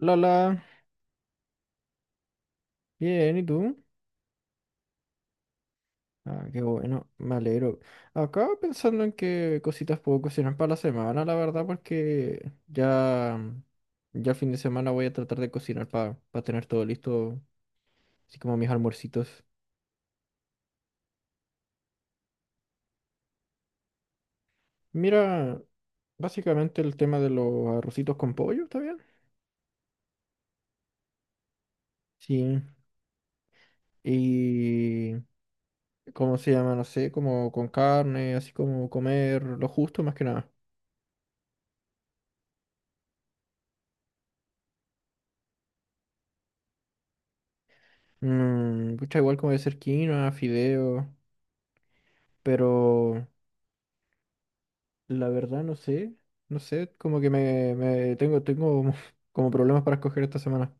Lala, bien, ¿y tú? Ah, qué bueno, me alegro. Acá pensando en qué cositas puedo cocinar para la semana, la verdad, porque ya, ya el fin de semana voy a tratar de cocinar para tener todo listo, así como mis almuercitos. Mira, básicamente el tema de los arrocitos con pollo, ¿está bien? Sí, y ¿cómo se llama? No sé, como con carne, así como comer lo justo más que nada. Igual como de ser quinoa, fideo. Pero la verdad no sé, no sé, como que me tengo, como problemas para escoger esta semana.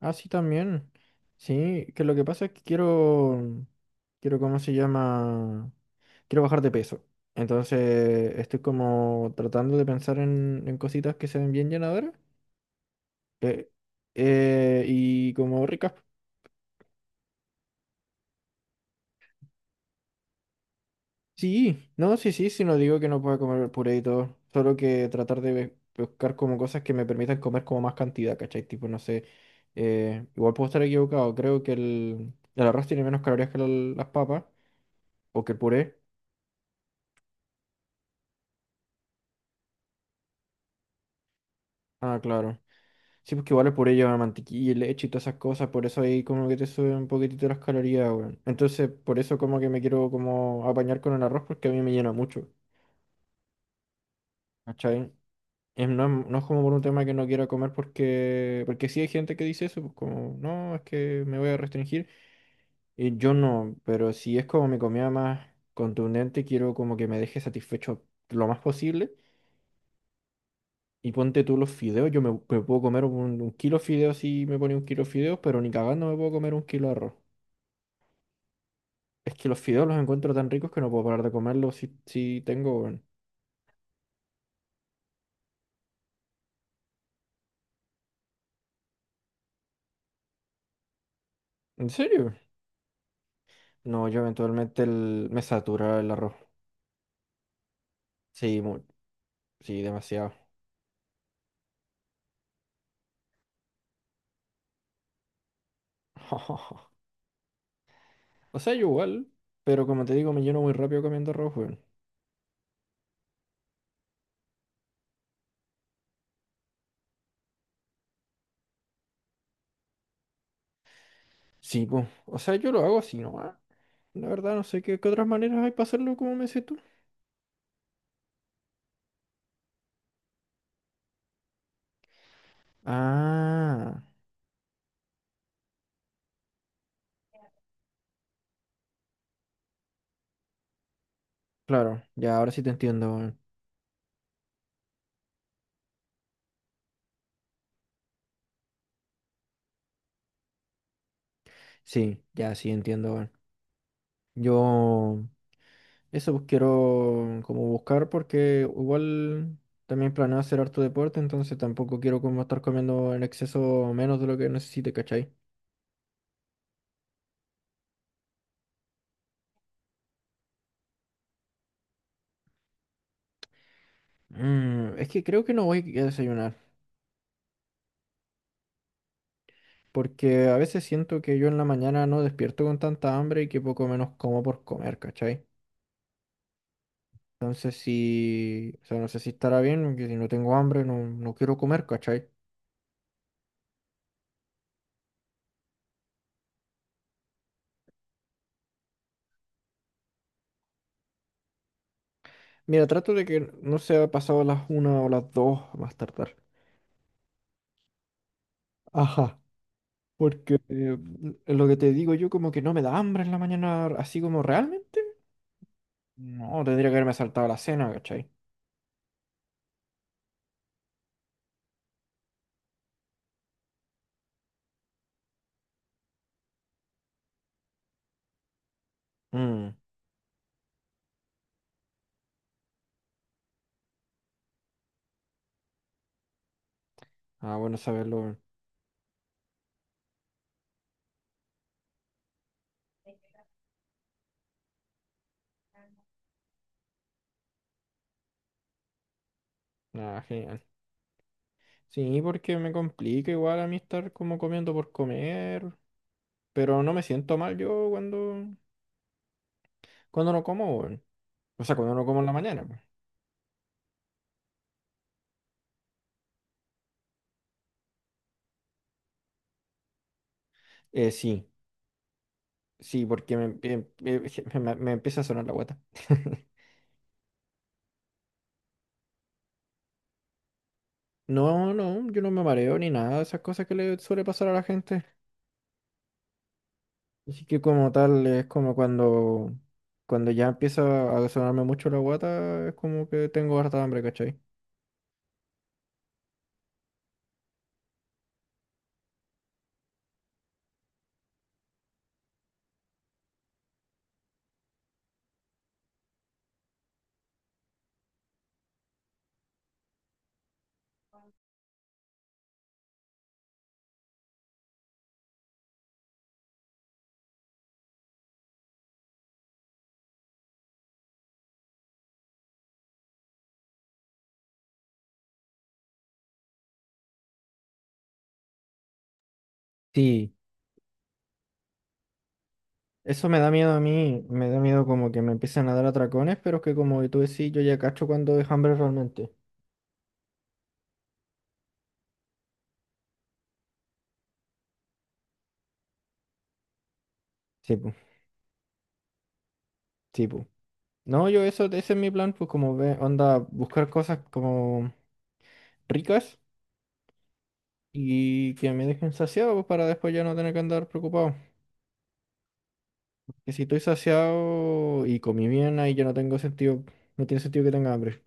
Ah, sí, también. Sí, que lo que pasa es que quiero, quiero, ¿cómo se llama? Quiero bajar de peso. Entonces estoy como tratando de pensar en cositas que se ven bien llenadoras eh, y como ricas. Sí, no, sí, sí, sí, no digo que no pueda comer puré y todo, solo que tratar de buscar como cosas que me permitan comer como más cantidad, ¿cachai? Tipo, no sé, igual puedo estar equivocado, creo que el arroz tiene menos calorías que la- las papas, o que el puré. Ah, claro. Sí, pues que igual el puré lleva mantequilla y leche y todas esas cosas, por eso ahí como que te suben un poquitito las calorías, weón. Entonces, por eso como que me quiero como apañar con el arroz porque a mí me llena mucho, ¿cachai? No, es- no es como por un tema que no quiera comer porque, porque sí hay gente que dice eso, pues como, no, es que me voy a restringir. Y yo no, pero si es como mi comida más contundente, quiero como que me deje satisfecho lo más posible. Y ponte tú los fideos, yo me puedo comer un kilo de fideos si me pone un kilo de fideos, pero ni cagando me puedo comer un kilo de arroz. Es que los fideos los encuentro tan ricos que no puedo parar de comerlos si, si tengo, weón. ¿En serio? No, yo eventualmente el- me satura el arroz. Sí, mu- sí, demasiado. O sea, yo igual, pero como te digo, me lleno muy rápido cambiando rojo, weón. Sí, pues. O sea, yo lo hago así nomás. La verdad, no sé qué, qué otras maneras hay para hacerlo como me dices tú. Ah, claro, ya ahora sí te entiendo, weón. Sí, ya sí entiendo, weón. Yo eso pues, quiero como buscar porque igual también planeo hacer harto deporte, entonces tampoco quiero como estar comiendo en exceso menos de lo que necesite, ¿cachai? Mm, es que creo que no voy a desayunar. Porque a veces siento que yo en la mañana no despierto con tanta hambre y que poco menos como por comer, ¿cachai? Entonces si, o sea, no sé si estará bien, porque si no tengo hambre no, no quiero comer, ¿cachai? Mira, trato de que no sea pasado las una o las dos más tardar. Ajá, porque lo que te digo yo como que no me da hambre en la mañana, así como realmente. No, tendría que haberme saltado la cena, ¿cachai? Mm. Ah, bueno saberlo. Weón. Ah, genial. Sí, porque me complica igual a mí estar como comiendo por comer. Pero no me siento mal yo cuando, cuando no como, weón. O sea, cuando no como en la mañana, pues. Sí, sí, porque me, empie- me empieza a sonar la guata. No, no, yo no me mareo ni nada de esas cosas que le suele pasar a la gente. Así que como tal, es como cuando, cuando ya empieza a sonarme mucho la guata, es como que tengo harta hambre, ¿cachai? Sí, eso me da miedo a mí, me da miedo como que me empiecen a dar atracones, pero es que como tú decís, yo ya cacho cuando es hambre realmente. Sí, pues. No, yo eso, ese es mi plan, pues como ve, onda, buscar cosas como ricas y que me dejen saciado, pues para después ya no tener que andar preocupado. Que si estoy saciado y comí bien, ahí ya no tengo sentido, no tiene sentido que tenga hambre.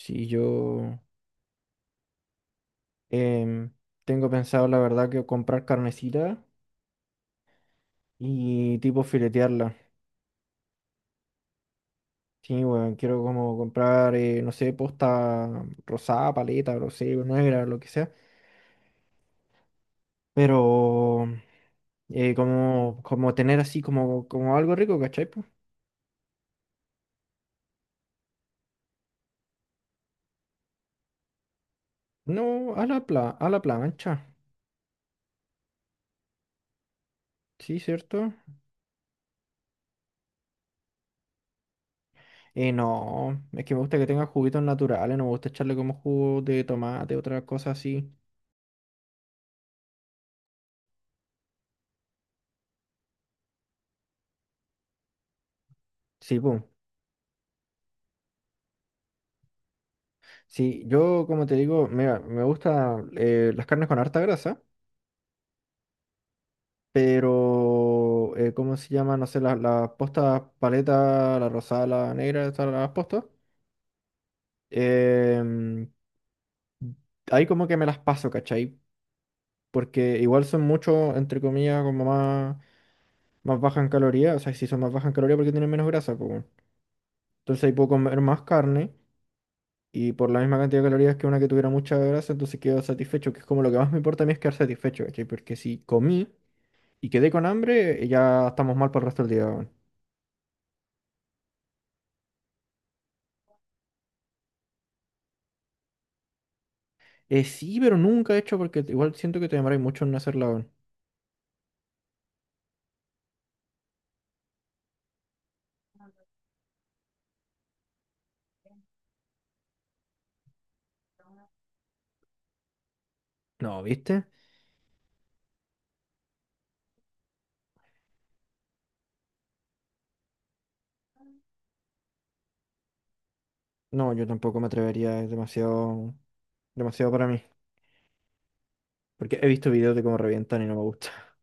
Si yo em, tengo pensado, la verdad, que comprar carnecita y tipo filetearla. Sí, bueno, quiero como comprar, no sé, posta rosada, paleta, no sé, negra, lo que sea. Pero como, como tener así como, como algo rico, ¿cachai? Po? No, a la pla- a la plancha, sí, ¿cierto? No, es que me gusta que tenga juguitos naturales, no me gusta echarle como jugo de tomate, otras cosas así. Sí, pum. Sí, yo como te digo, me gusta las carnes con harta grasa, pero ¿cómo se llama? No sé, las postas paleta, la rosada, la negra, esas las postas. em, Ahí como que me las paso, ¿cachai? Porque igual son mucho entre comillas, como más, más baja en calorías, o sea, si son más bajas en calorías porque tienen menos grasa, pues bueno. Entonces ahí puedo comer más carne y por la misma cantidad de calorías que una que tuviera mucha grasa, entonces quedo satisfecho, que es como lo que más me importa a mí es quedar satisfecho, ¿cachai? Porque si comí y quedé con hambre, ya estamos mal para el resto del día, weón. Sí, pero nunca he hecho porque igual siento que te demoráis mucho en hacerla, weón. No, ¿viste? No, yo tampoco me atrevería, es demasiado, demasiado para mí. Porque he visto videos de cómo revientan y no me gusta.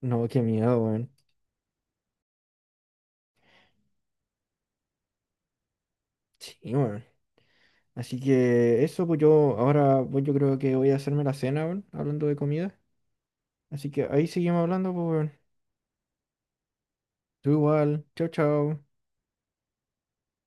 No, qué miedo, weón. Sí, weón. Así que eso, pues yo ahora, pues yo creo que voy a hacerme la cena, weón, hablando de comida. Así que ahí seguimos hablando, pues, weón. Tú igual. Chao, chao.